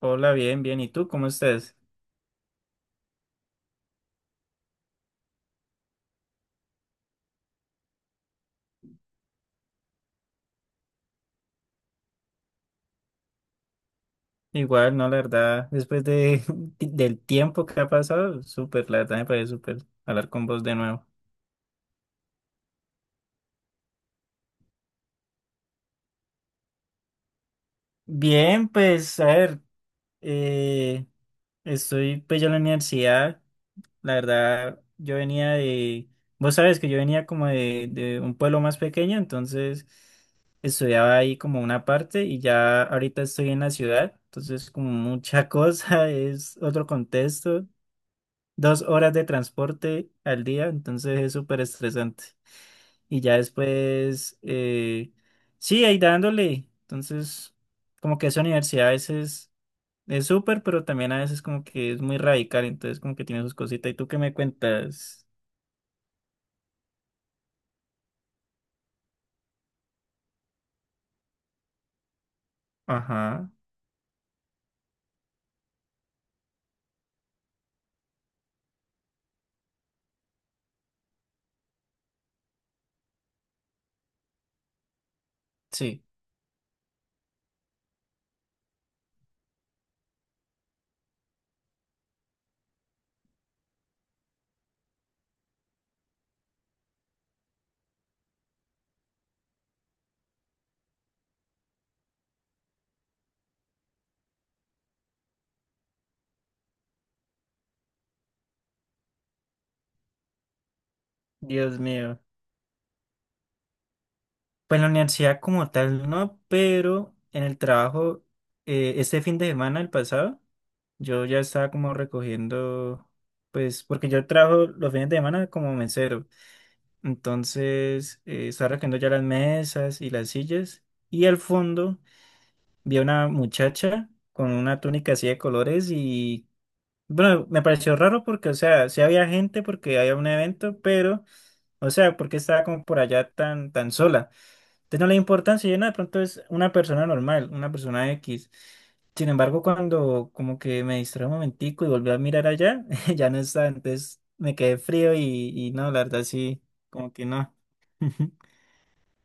Hola, bien, bien. ¿Y tú cómo estás? Igual, no, la verdad, después de, del tiempo que ha pasado, súper, la verdad me parece súper hablar con vos de nuevo. Bien, pues, a ver, eh, estoy pues ya en la universidad, la verdad, yo venía de, vos sabes que yo venía como de un pueblo más pequeño, entonces estudiaba ahí como una parte y ya ahorita estoy en la ciudad, entonces como mucha cosa, es otro contexto. 2 horas de transporte al día, entonces es súper estresante. Y ya después, sí, ahí dándole. Entonces, como que esa universidad a veces es súper, pero también a veces como que es muy radical, entonces como que tiene sus cositas. ¿Y tú qué me cuentas? Ajá, sí, Dios mío. Pues en la universidad como tal no, pero en el trabajo, este fin de semana, el pasado, yo ya estaba como recogiendo, pues porque yo trabajo los fines de semana como mesero, entonces estaba recogiendo ya las mesas y las sillas y al fondo vi a una muchacha con una túnica así de colores y bueno, me pareció raro porque, o sea, sí había gente porque había un evento, pero, o sea, porque estaba como por allá tan sola. Entonces no le da importancia, yo no, de pronto es una persona normal, una persona X. Sin embargo, cuando como que me distraí un momentico y volví a mirar allá, ya no está. Entonces me quedé frío y no, la verdad sí, como que no.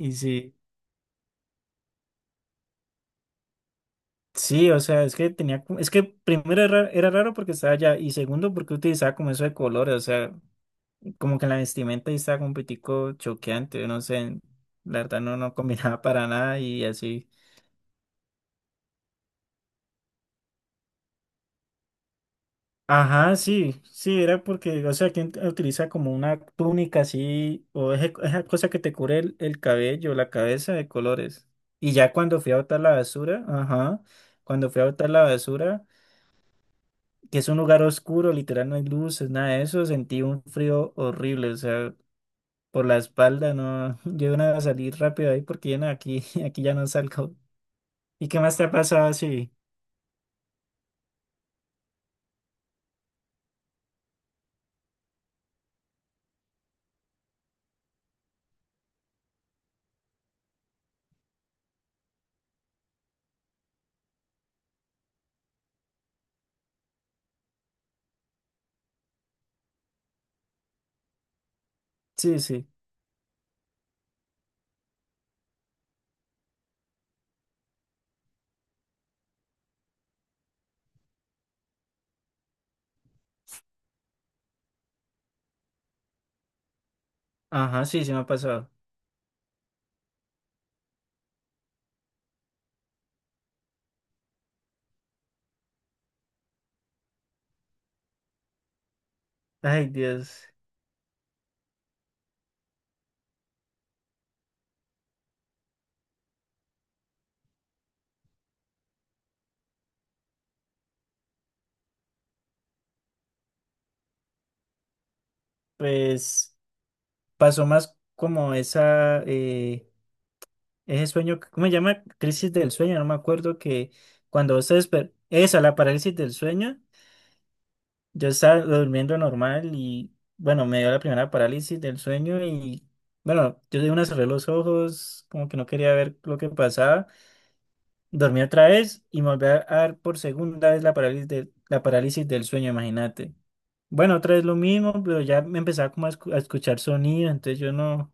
Y sí, sí, o sea, es que tenía, como— es que primero era raro porque estaba allá y segundo porque utilizaba como eso de colores, o sea, como que en la vestimenta ahí estaba como un poquitico choqueante, no sé, la verdad no, no combinaba para nada y así. Ajá, sí, sí, era porque, o sea, quien utiliza como una túnica así, o esa cosa que te cubre el cabello, la cabeza de colores. Y ya cuando fui a botar la basura, ajá, cuando fui a botar la basura, que es un lugar oscuro, literal, no hay luces, nada de eso, sentí un frío horrible, o sea, por la espalda, no, yo iba a salir rápido ahí porque ya no, aquí, aquí ya no salgo. ¿Y qué más te ha pasado? Sí, sí, sí, ajá, sí, sí me ha pasado. Ay, Dios, pues. Pasó más como esa, ese sueño, que— ¿cómo se llama? Crisis del sueño, no me acuerdo que cuando vos esa, la parálisis del sueño, yo estaba durmiendo normal y bueno, me dio la primera parálisis del sueño y bueno, yo de una cerré los ojos, como que no quería ver lo que pasaba, dormí otra vez y me volví a dar por segunda vez la parálisis la parálisis del sueño, imagínate. Bueno, otra vez lo mismo, pero ya me empezaba como a escuchar sonidos, entonces yo no...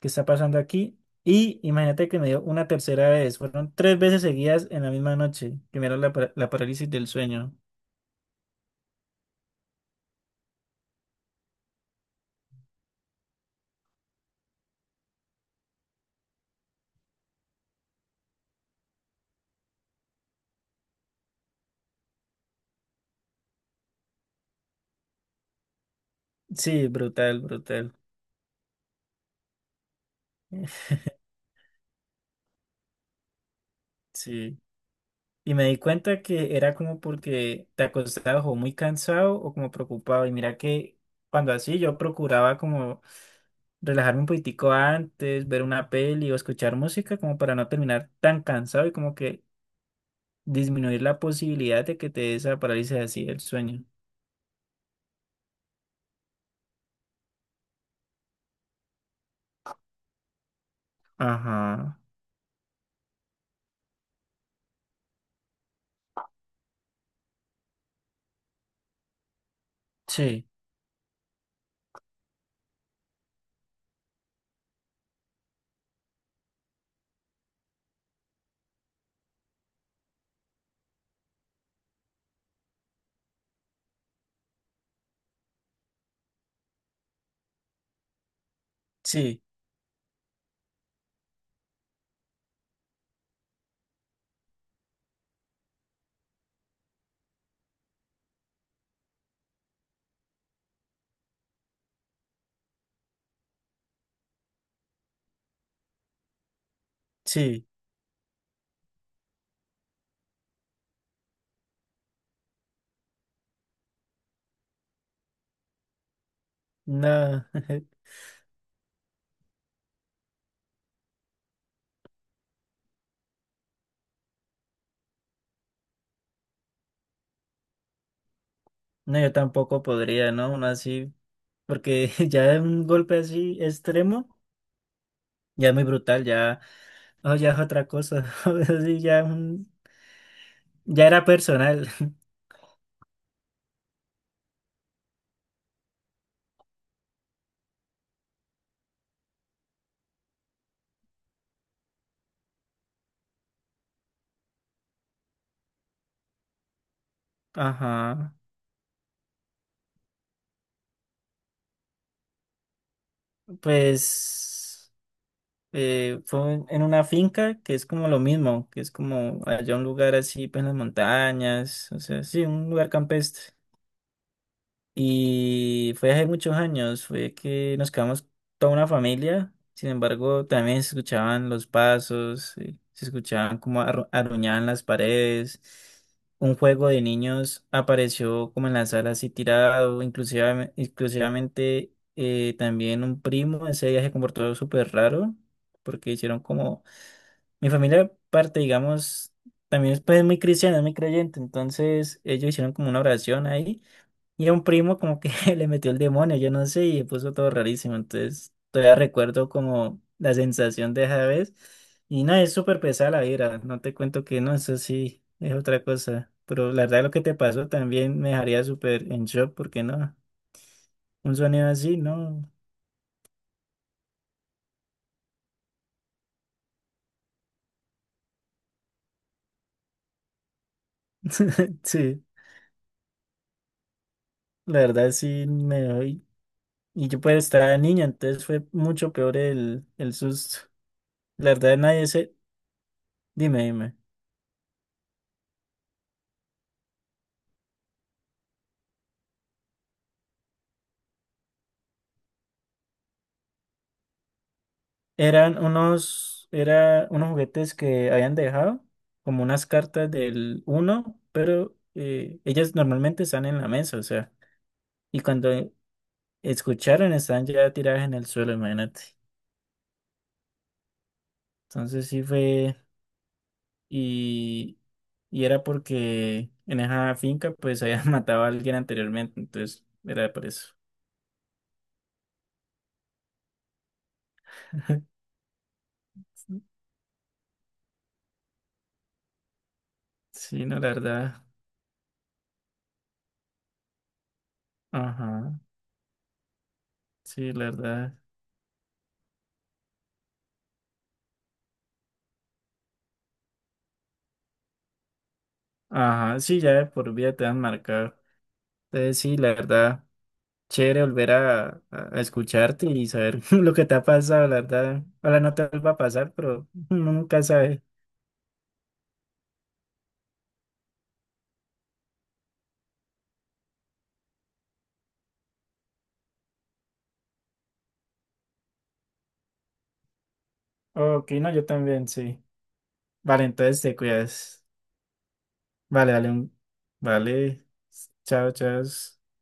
que está pasando aquí? Y imagínate que me dio una tercera vez. Fueron tres veces seguidas en la misma noche. Primero la parálisis del sueño. Sí, brutal, brutal. Sí. Y me di cuenta que era como porque te acostabas o muy cansado o como preocupado. Y mira que cuando así yo procuraba como relajarme un poquitico antes, ver una peli o escuchar música como para no terminar tan cansado y como que disminuir la posibilidad de que te dé esa parálisis así del sueño. Ajá. Sí. Sí, sí, no, no, yo tampoco podría, ¿no? Uno así, porque ya un golpe así extremo, ya es muy brutal, ya, oh, ya es otra cosa, así ya, un— ya era personal. Ajá, pues fue en una finca que es como lo mismo, que es como allá un lugar así, pues en las montañas, o sea, sí, un lugar campestre. Y fue hace muchos años, fue que nos quedamos toda una familia. Sin embargo, también se escuchaban los pasos, se escuchaban como arruñaban las paredes. Un juego de niños apareció como en la sala así tirado, inclusive, exclusivamente también un primo. Ese día se comportó súper raro porque hicieron como... Mi familia parte, digamos, también es pues, muy cristiana, muy creyente. Entonces ellos hicieron como una oración ahí. Y a un primo como que le metió el demonio, yo no sé, y se puso todo rarísimo. Entonces, todavía recuerdo como la sensación de esa vez. Y no, es súper pesada la vibra. No te cuento que no, eso sí, es otra cosa. Pero la verdad lo que te pasó también me dejaría súper en shock, porque no, un sonido así, no. Sí, la verdad sí me doy. Y yo pues estaba niña, entonces fue mucho peor el susto. La verdad nadie se... Dime, dime. Era unos juguetes que habían dejado, como unas cartas del uno, pero ellas normalmente están en la mesa, o sea, y cuando escucharon estaban ya tiradas en el suelo, imagínate. Entonces sí fue, y, y era porque en esa finca pues habían matado a alguien anteriormente, entonces era por eso. Sí, no, la verdad. Ajá, sí, la verdad. Ajá, sí, ya de por vida te han marcado. Entonces sí, la verdad. Chévere volver a, a escucharte y saber lo que te ha pasado, la verdad. Ahora no te vuelva a pasar, pero uno nunca sabe. Ok, no, yo también, sí. Vale, entonces te cuidas. Vale, dale un... Vale. Chao, chao.